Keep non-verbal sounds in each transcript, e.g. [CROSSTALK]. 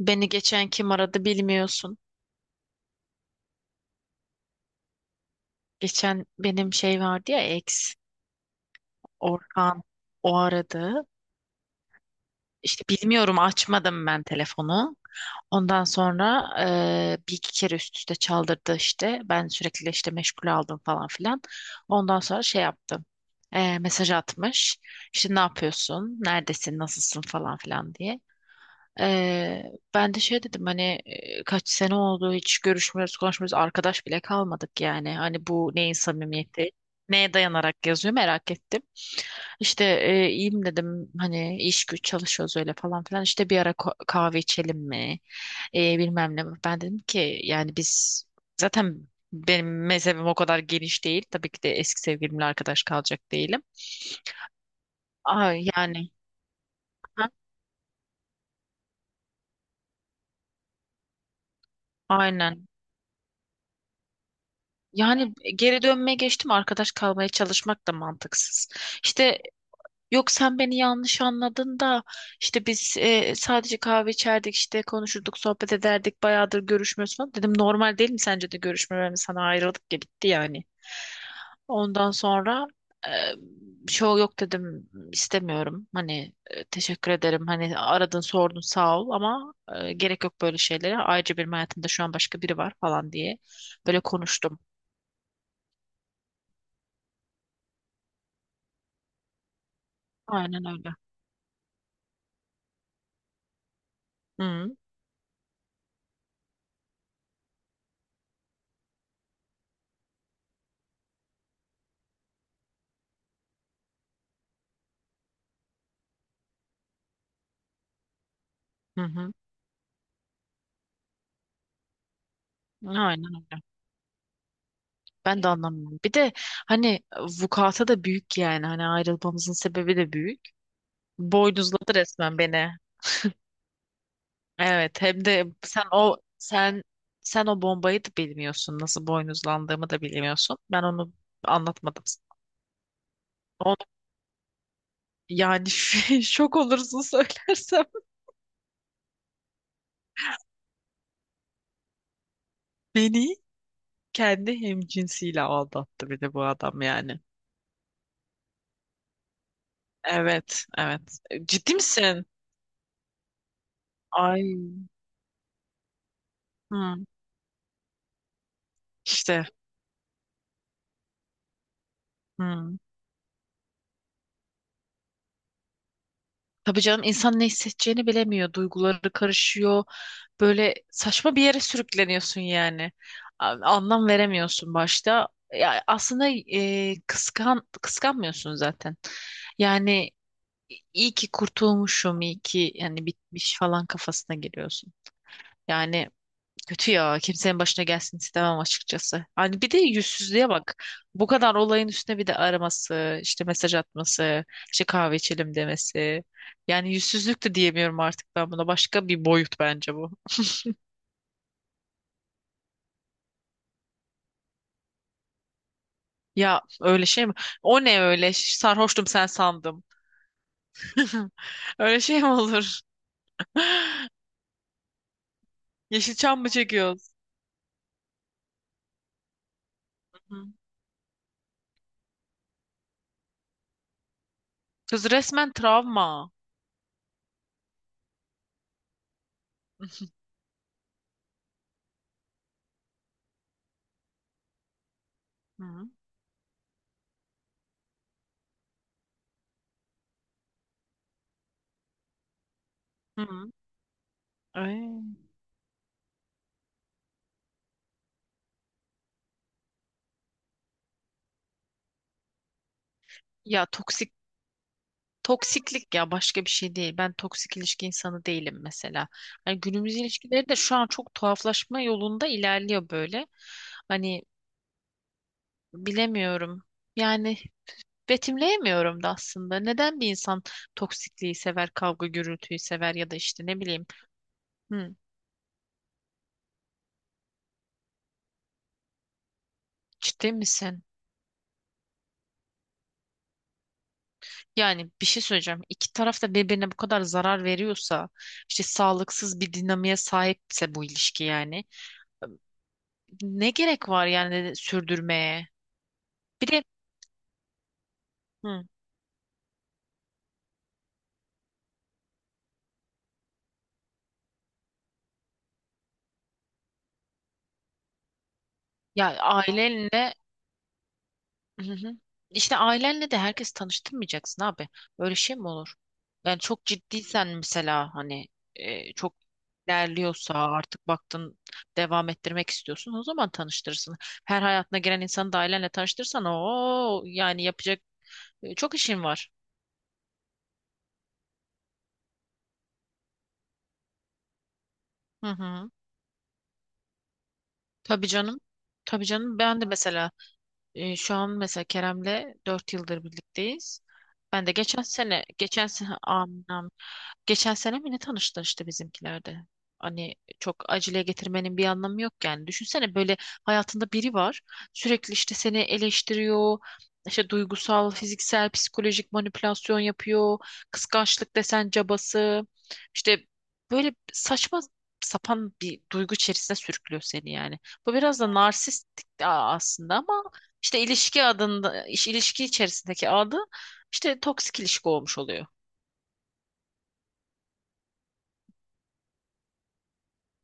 Beni geçen kim aradı bilmiyorsun. Geçen benim şey vardı ya ex Orhan o aradı. İşte bilmiyorum açmadım ben telefonu. Ondan sonra bir iki kere üst üste çaldırdı işte. Ben sürekli işte meşgul aldım falan filan. Ondan sonra şey yaptım. Mesaj atmış. İşte ne yapıyorsun? Neredesin? Nasılsın falan filan diye. Ben de şey dedim hani kaç sene oldu hiç görüşmüyoruz konuşmuyoruz arkadaş bile kalmadık yani hani bu neyin samimiyeti neye dayanarak yazıyor merak ettim işte iyiyim dedim hani iş güç çalışıyoruz öyle falan filan işte bir ara kahve içelim mi? Bilmem ne ben dedim ki yani biz zaten benim mezhebim o kadar geniş değil tabii ki de eski sevgilimle arkadaş kalacak değilim. Ay, yani. Ha, aynen. Yani geri dönmeye geçtim arkadaş kalmaya çalışmak da mantıksız. İşte yok, sen beni yanlış anladın da işte biz sadece kahve içerdik işte konuşurduk sohbet ederdik bayağıdır görüşmüyorsun falan. Dedim normal değil mi sence de görüşmememiz, sana ayrıldık ya, bitti yani. Ondan sonra şey yok dedim, istemiyorum hani, teşekkür ederim hani aradın sordun sağ ol ama gerek yok böyle şeylere. Ayrıca benim hayatımda şu an başka biri var falan diye böyle konuştum. Aynen öyle. Hı. Hı hı. Aynen öyle. Ben de anlamıyorum. Bir de hani vukuata da büyük yani. Hani ayrılmamızın sebebi de büyük. Boynuzladı resmen beni. Evet, hem de sen o sen sen o bombayı da bilmiyorsun. Nasıl boynuzlandığımı da bilmiyorsun. Ben onu anlatmadım sana. Onu, yani [LAUGHS] şok olursun söylersem. [LAUGHS] Beni kendi hemcinsiyle aldattı bir de bu adam yani. Evet, evet. Ciddi misin? Ay. Hı. İşte. Hı. Tabii canım, insan ne hissedeceğini bilemiyor. Duyguları karışıyor. Böyle saçma bir yere sürükleniyorsun yani. Anlam veremiyorsun başta. Ya aslında kıskan kıskanmıyorsun zaten. Yani iyi ki kurtulmuşum, iyi ki yani bitmiş falan kafasına giriyorsun. Yani kötü ya. Kimsenin başına gelsin istemem açıkçası. Hani bir de yüzsüzlüğe bak. Bu kadar olayın üstüne bir de araması, işte mesaj atması, işte kahve içelim demesi. Yani yüzsüzlük de diyemiyorum artık ben buna. Başka bir boyut bence bu. Ya öyle şey mi? O ne öyle? Sarhoştum, sen sandım. [LAUGHS] Öyle şey mi olur? Yeşilçam mı çekiyoruz? Hı. Kız resmen travma. Hı. Hı. Ay. Ya toksik Toksiklik ya, başka bir şey değil. Ben toksik ilişki insanı değilim mesela. Hani günümüz ilişkileri de şu an çok tuhaflaşma yolunda ilerliyor böyle. Hani bilemiyorum. Yani betimleyemiyorum da aslında. Neden bir insan toksikliği sever, kavga gürültüyü sever ya da işte ne bileyim. Hı, ciddi misin? Yani bir şey söyleyeceğim. İki taraf da birbirine bu kadar zarar veriyorsa, işte sağlıksız bir dinamiğe sahipse bu ilişki yani. Ne gerek var yani sürdürmeye? Bir de Hı. Ya ailenle Hı hı. işte ailenle de herkes tanıştırmayacaksın abi. Böyle şey mi olur? Yani çok ciddiysen mesela hani çok ilerliyorsa artık baktın devam ettirmek istiyorsun, o zaman tanıştırırsın. Her hayatına giren insanı da ailenle tanıştırırsan o yani yapacak çok işin var. Hı hı. Tabii canım. Tabii canım, ben de mesela şu an mesela Kerem'le 4 yıldır birlikteyiz. Ben de anam, geçen sene mi ne tanıştılar işte bizimkilerde. Hani çok acele getirmenin bir anlamı yok yani. Düşünsene böyle hayatında biri var. Sürekli işte seni eleştiriyor. İşte duygusal, fiziksel, psikolojik manipülasyon yapıyor. Kıskançlık desen cabası. İşte böyle saçma sapan bir duygu içerisine sürüklüyor seni yani. Bu biraz da narsistik aslında ama işte ilişki adında, ilişki içerisindeki adı işte toksik ilişki olmuş oluyor.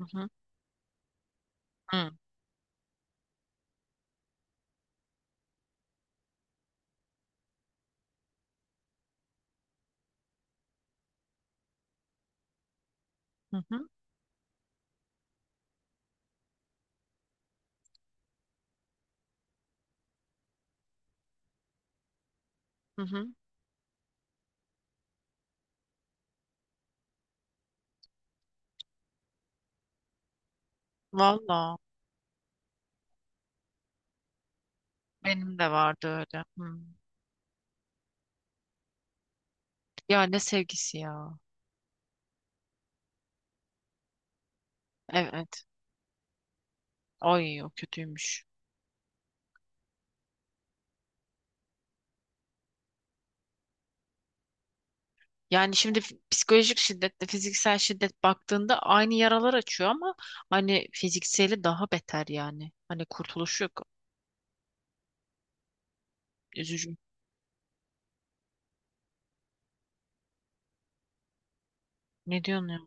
Hı hı. Hı hı. Hı hı. Hı. Valla benim de vardı öyle. Hı. Ya ne sevgisi ya. Evet. Ay, o kötüymüş. Yani şimdi psikolojik şiddetle fiziksel şiddet baktığında aynı yaralar açıyor ama hani fizikseli daha beter yani. Hani kurtuluş yok. Üzücü. Ne diyorsun ya?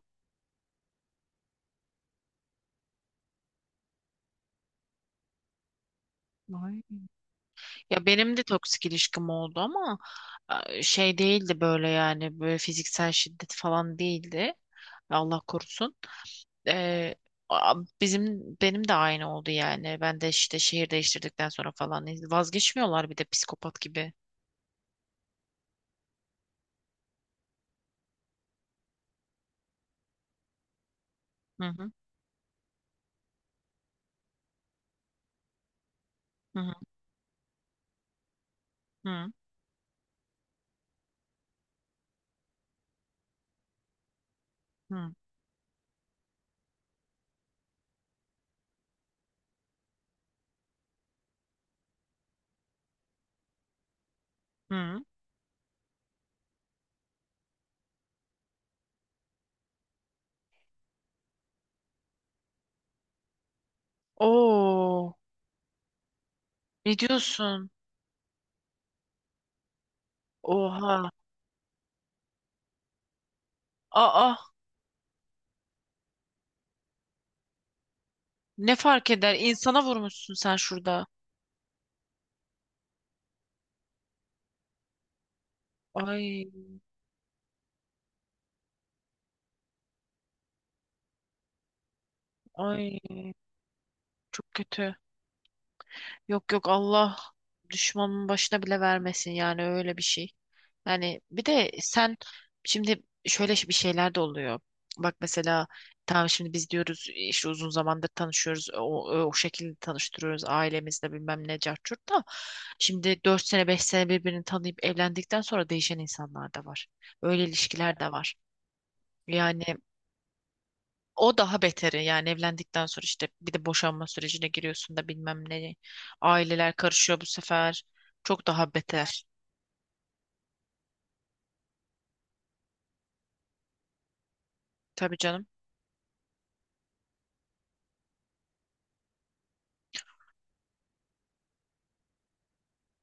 Ay. Ya benim de toksik ilişkim oldu ama şey değildi, böyle yani böyle fiziksel şiddet falan değildi. Allah korusun. Ee, a- bizim Benim de aynı oldu yani. Ben de işte şehir değiştirdikten sonra falan vazgeçmiyorlar bir de psikopat gibi. Hı hı, hı hı, hı hı. Hı. Oo, ne diyorsun? Oha. Aa, ne fark eder? İnsana vurmuşsun sen şurada. Ay, ay, çok kötü. Yok, yok, Allah düşmanın başına bile vermesin yani, öyle bir şey. Yani bir de sen şimdi şöyle bir şeyler de oluyor. Bak mesela, tamam şimdi biz diyoruz işte uzun zamandır tanışıyoruz. O şekilde tanıştırıyoruz ailemizle bilmem ne cahçurt da. Şimdi 4 sene 5 sene birbirini tanıyıp evlendikten sonra değişen insanlar da var. Öyle ilişkiler de var. Yani o daha beteri yani evlendikten sonra işte bir de boşanma sürecine giriyorsun da bilmem ne. Aileler karışıyor bu sefer. Çok daha beter. Tabii canım.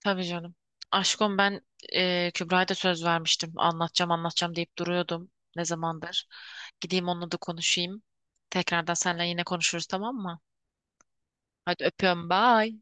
Tabii canım. Aşkım, ben Kübra'ya da söz vermiştim. Anlatacağım anlatacağım deyip duruyordum ne zamandır. Gideyim onunla da konuşayım. Tekrardan seninle yine konuşuruz, tamam mı? Hadi öpüyorum, bye.